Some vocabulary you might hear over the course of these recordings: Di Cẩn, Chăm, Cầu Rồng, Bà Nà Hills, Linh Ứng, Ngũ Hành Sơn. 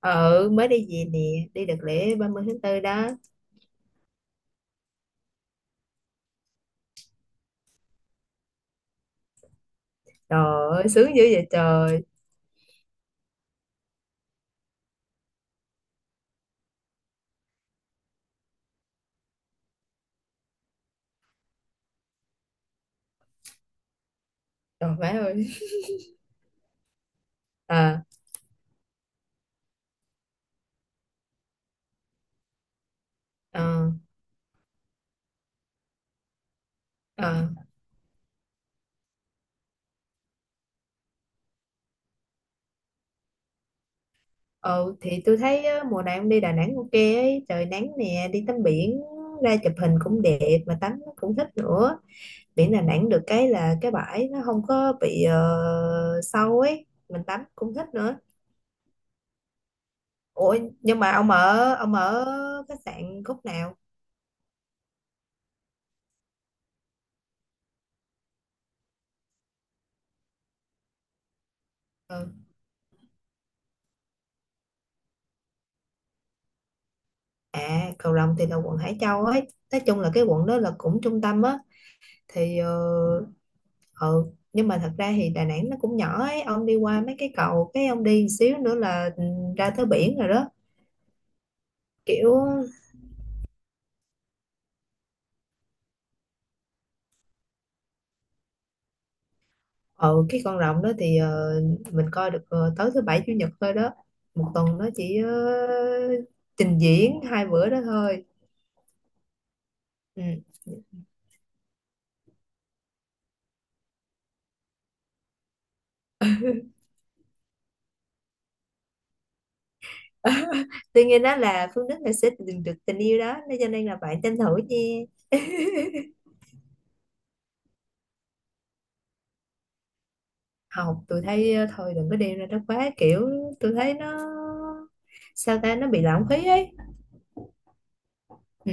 Ừ, mới đi về nè. Đi đợt lễ 30 tháng 4 đó. Trời ơi sướng dữ vậy trời. Trời má ơi. À. Ờ. Ờ. Ờ. Thì tôi thấy á, mùa này ông đi Đà Nẵng ok ấy, trời nắng nè, đi tắm biển, ra chụp hình cũng đẹp mà tắm cũng thích nữa. Biển Đà Nẵng được cái là cái bãi nó không có bị sâu ấy, mình tắm cũng thích nữa. Ủa, nhưng mà ông ở khách sạn khúc nào? Ừ. À, Cầu Rồng thì là quận Hải Châu ấy, nói chung là cái quận đó là cũng trung tâm á. Thì ờ. Ừ. Nhưng mà thật ra thì Đà Nẵng nó cũng nhỏ ấy, ông đi qua mấy cái cầu cái ông đi xíu nữa là ra tới biển rồi đó. Kiểu. Ừ, cái con rồng đó thì mình coi được tới thứ bảy chủ nhật thôi đó. Một tuần nó chỉ trình diễn hai bữa đó thôi. Ừ. Tuy nhiên đó là Phương Đức là sẽ tìm được tình yêu đó nên cho nên là bạn tranh thủ nha. Học tôi thấy thôi đừng có đi ra đó quá kiểu, tôi thấy nó sao ta nó bị lãng phí ấy. Ừ.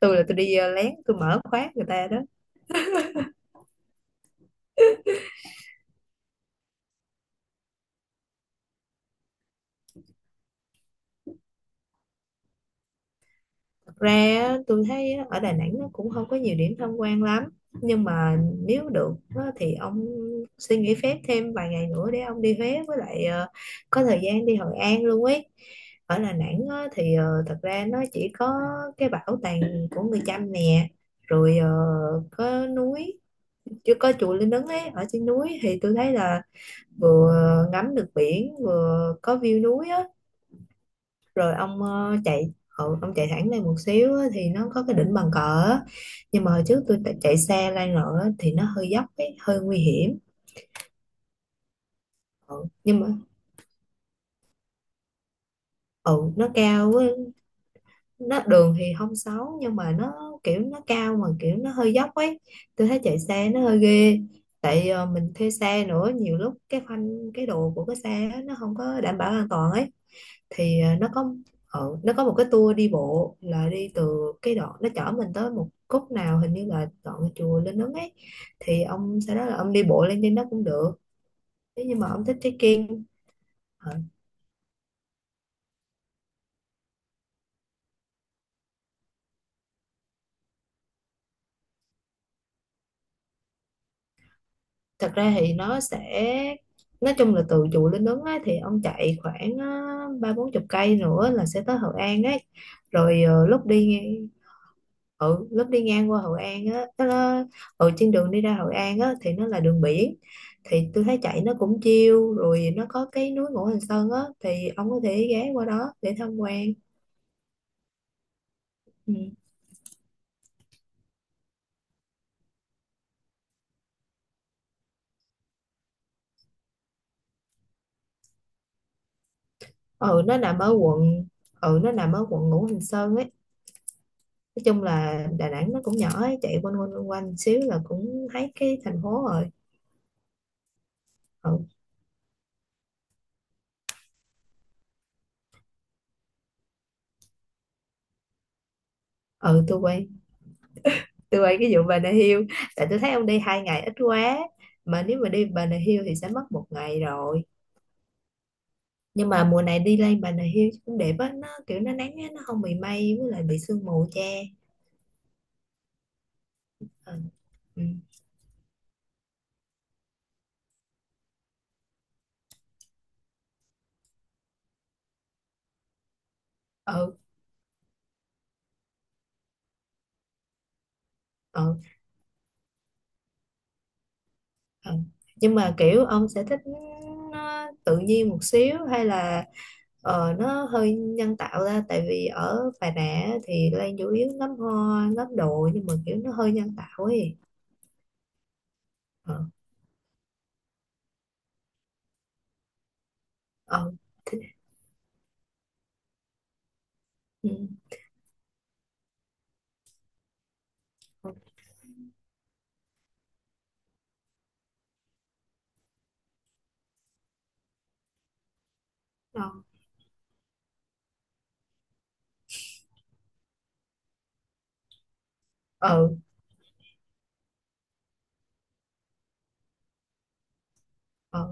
Tôi là tôi đi lén tôi mở khóa người ta đó. Thật ra á, tôi thấy á, ở Đà Nẵng nó cũng không có nhiều điểm tham quan lắm. Nhưng mà nếu được á, thì ông xin nghỉ phép thêm vài ngày nữa để ông đi Huế với lại có thời gian đi Hội An luôn ấy. Ở Đà Nẵng á, thì thật ra nó chỉ có cái bảo tàng của người Chăm nè, rồi có núi, chưa có chùa Linh Ứng ấy ở trên núi thì tôi thấy là vừa ngắm được biển vừa có view núi á. Rồi ông chạy. Ừ, ông chạy thẳng lên một xíu á, thì nó có cái đỉnh bàn cờ á. Nhưng mà hồi trước tôi chạy xe lên rồi á, thì nó hơi dốc ấy, hơi nguy hiểm. Ừ, nhưng mà ừ, nó cao á, nó đường thì không xấu nhưng mà nó kiểu nó cao mà kiểu nó hơi dốc ấy. Tôi thấy chạy xe nó hơi ghê. Tại mình thuê xe nữa, nhiều lúc cái phanh cái đồ của cái xe á, nó không có đảm bảo an toàn ấy. Thì nó có một cái tour đi bộ là đi từ cái đoạn nó chở mình tới một khúc nào hình như là đoạn chùa Linh Ứng ấy. Thì ông sau đó là ông đi bộ lên trên đó cũng được nếu như mà ông thích trekking. ờ, Thật ra thì nó sẽ nói chung là từ chùa Linh Ứng á, thì ông chạy khoảng ba bốn chục cây nữa là sẽ tới Hội An ấy. Rồi lúc đi ừ, lúc đi ngang qua Hội An á, nó ở trên đường đi ra Hội An á thì nó là đường biển. Thì tôi thấy chạy nó cũng chill, rồi nó có cái núi Ngũ Hành Sơn á thì ông có thể ghé qua đó để tham quan. Ừ. ừ nó nằm ở quận ừ nó nằm ở quận Ngũ Hành Sơn ấy. Nói chung là Đà Nẵng nó cũng nhỏ ấy, chạy quanh quanh quanh quanh xíu là cũng thấy cái thành phố rồi. Ừ. Ừ, tôi quay cái vụ Bà Nà Hills, tại tôi thấy ông đi 2 ngày ít quá, mà nếu mà đi Bà Nà Hills thì sẽ mất một ngày rồi. Nhưng mà mùa này đi lên Bà Nà Hills cũng đẹp á, nó kiểu nó nắng á nó không bị mây với lại bị sương mù che. Ừ. Ừ. Ừ. Ừ. Ừ. Nhưng mà kiểu ông sẽ thích nó tự nhiên một xíu hay là nó hơi nhân tạo ra, tại vì ở Bà Nà á thì Lan chủ yếu ngắm hoa ngắm đồ nhưng mà kiểu nó hơi nhân tạo ấy. Ờ. Ờ. Ừ. Ờ. Ờ,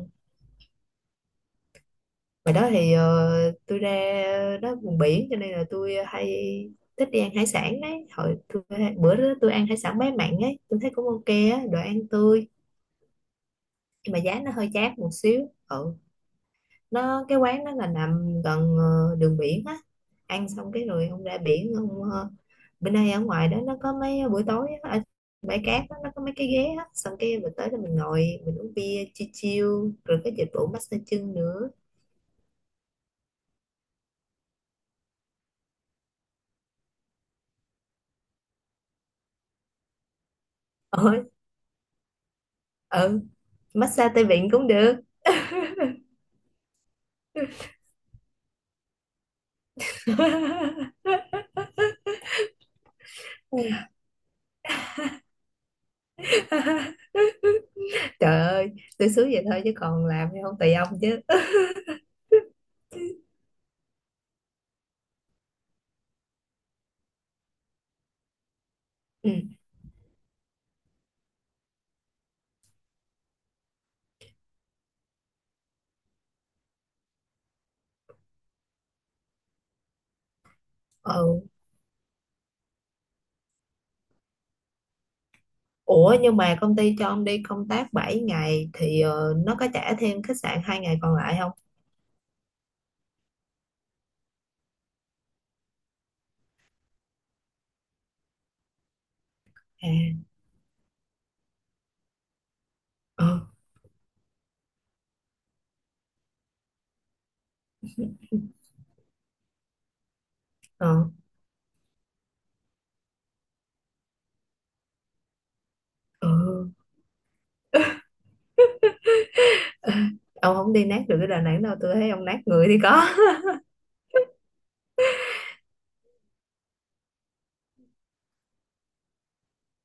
ngoài đó thì tôi ra đó vùng biển cho nên là tôi hay thích đi ăn hải sản đấy. Bữa đó tôi ăn hải sản bé mặn ấy, tôi thấy cũng ok á, đồ ăn tươi nhưng mà giá nó hơi chát một xíu. Ừ, nó cái quán đó là nằm gần đường biển á. Ăn xong cái rồi ông ra biển ông bên đây ở ngoài đó nó có mấy buổi tối á, ở bãi cát đó, nó có mấy cái ghế á, xong cái mình tới là mình ngồi mình uống bia chill chill rồi có dịch vụ massage chân nữa. Ờ. Ừ, massage tay vịn cũng được. Ừ. Trời ơi, tôi xúi vậy thôi chứ còn làm thì không, tùy ông chứ. Ừ. Ừ, ủa nhưng mà công ty cho ông đi công tác 7 ngày thì nó có trả thêm khách sạn 2 ngày còn lại không? À. Ờ. Ờ. Ừ. Ông không đi nát được cái Đà Nẵng đâu, tôi thấy ông nát người thì có.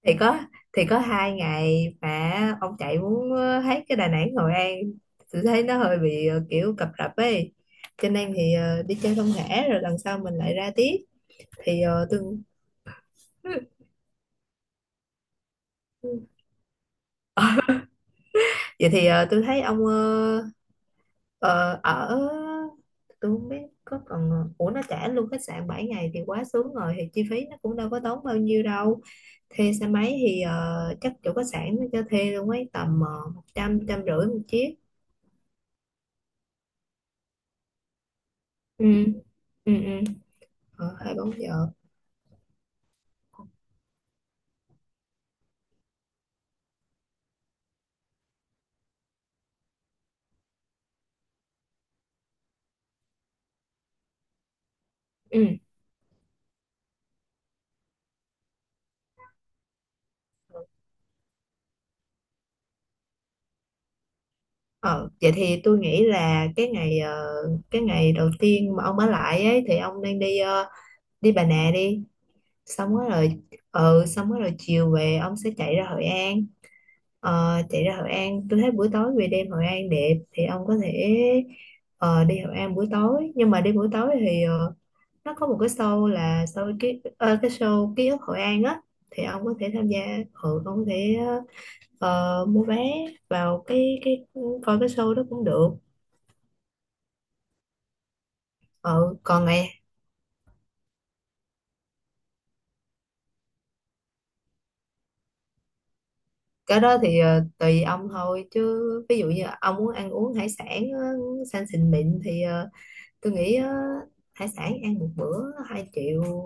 Thì có. Thì có 2 ngày mà ông chạy muốn hết cái Đà Nẵng Hội An, tôi thấy nó hơi bị kiểu cập rập ấy. Cho nên thì đi chơi không thể rồi lần sau mình lại ra tiếp. Thì tôi. Vậy thì tôi thấy ông ờ, ở. Tôi không biết có còn ủa nó trả luôn khách sạn 7 ngày thì quá sướng rồi, thì chi phí nó cũng đâu có tốn bao nhiêu đâu. Thuê xe máy thì chắc chỗ khách sạn nó cho thuê luôn ấy, tầm một trăm trăm rưỡi một chiếc. Ừ. Ừ. Ừ. Ờ, 24 giờ. Ừ. Ờ, vậy thì tôi nghĩ là cái ngày cái ngày đầu tiên mà ông ở lại ấy thì ông nên đi đi Bà Nà đi. Xong rồi rồi. Ừ, xong rồi rồi chiều về ông sẽ chạy ra Hội An. Ờ, chạy ra Hội An tôi thấy buổi tối về đêm Hội An đẹp thì ông có thể đi Hội An buổi tối. Nhưng mà đi buổi tối thì nó có một cái show là show cái show ký ức Hội An á, thì ông có thể tham gia. Ừ, ông có thể mua vé vào cái coi cái show đó cũng được. Ờ, Còn ngày cái đó thì tùy ông thôi chứ. Ví dụ như ông muốn ăn uống hải sản sang xịn mịn thì tôi nghĩ hải sản ăn một bữa 2 triệu,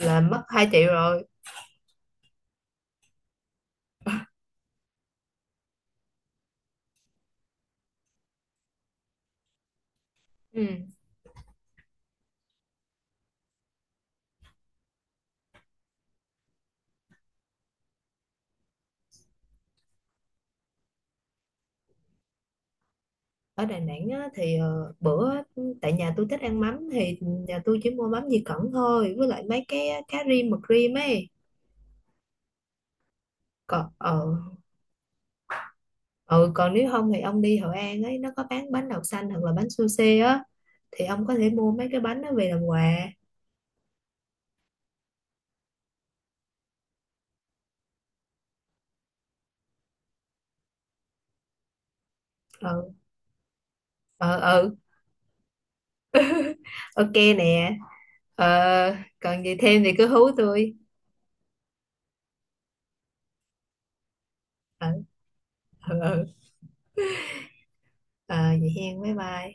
là mất 2 triệu rồi. Ừ. Ở Đà Nẵng á, thì bữa tại nhà tôi thích ăn mắm thì nhà tôi chỉ mua mắm Di Cẩn thôi, với lại mấy cái cá rim mực rim ấy. Còn ờ. Ừ, còn nếu không thì ông đi Hội An ấy nó có bán bánh đậu xanh hoặc là bánh sushi á, thì ông có thể mua mấy cái bánh đó về làm quà. Ừ. Ừ. Ừ. Ok nè. Ờ, còn gì thêm thì cứ hú tôi. Ừ. Ừ. Ừ. Ờ, vậy hen, bye bye.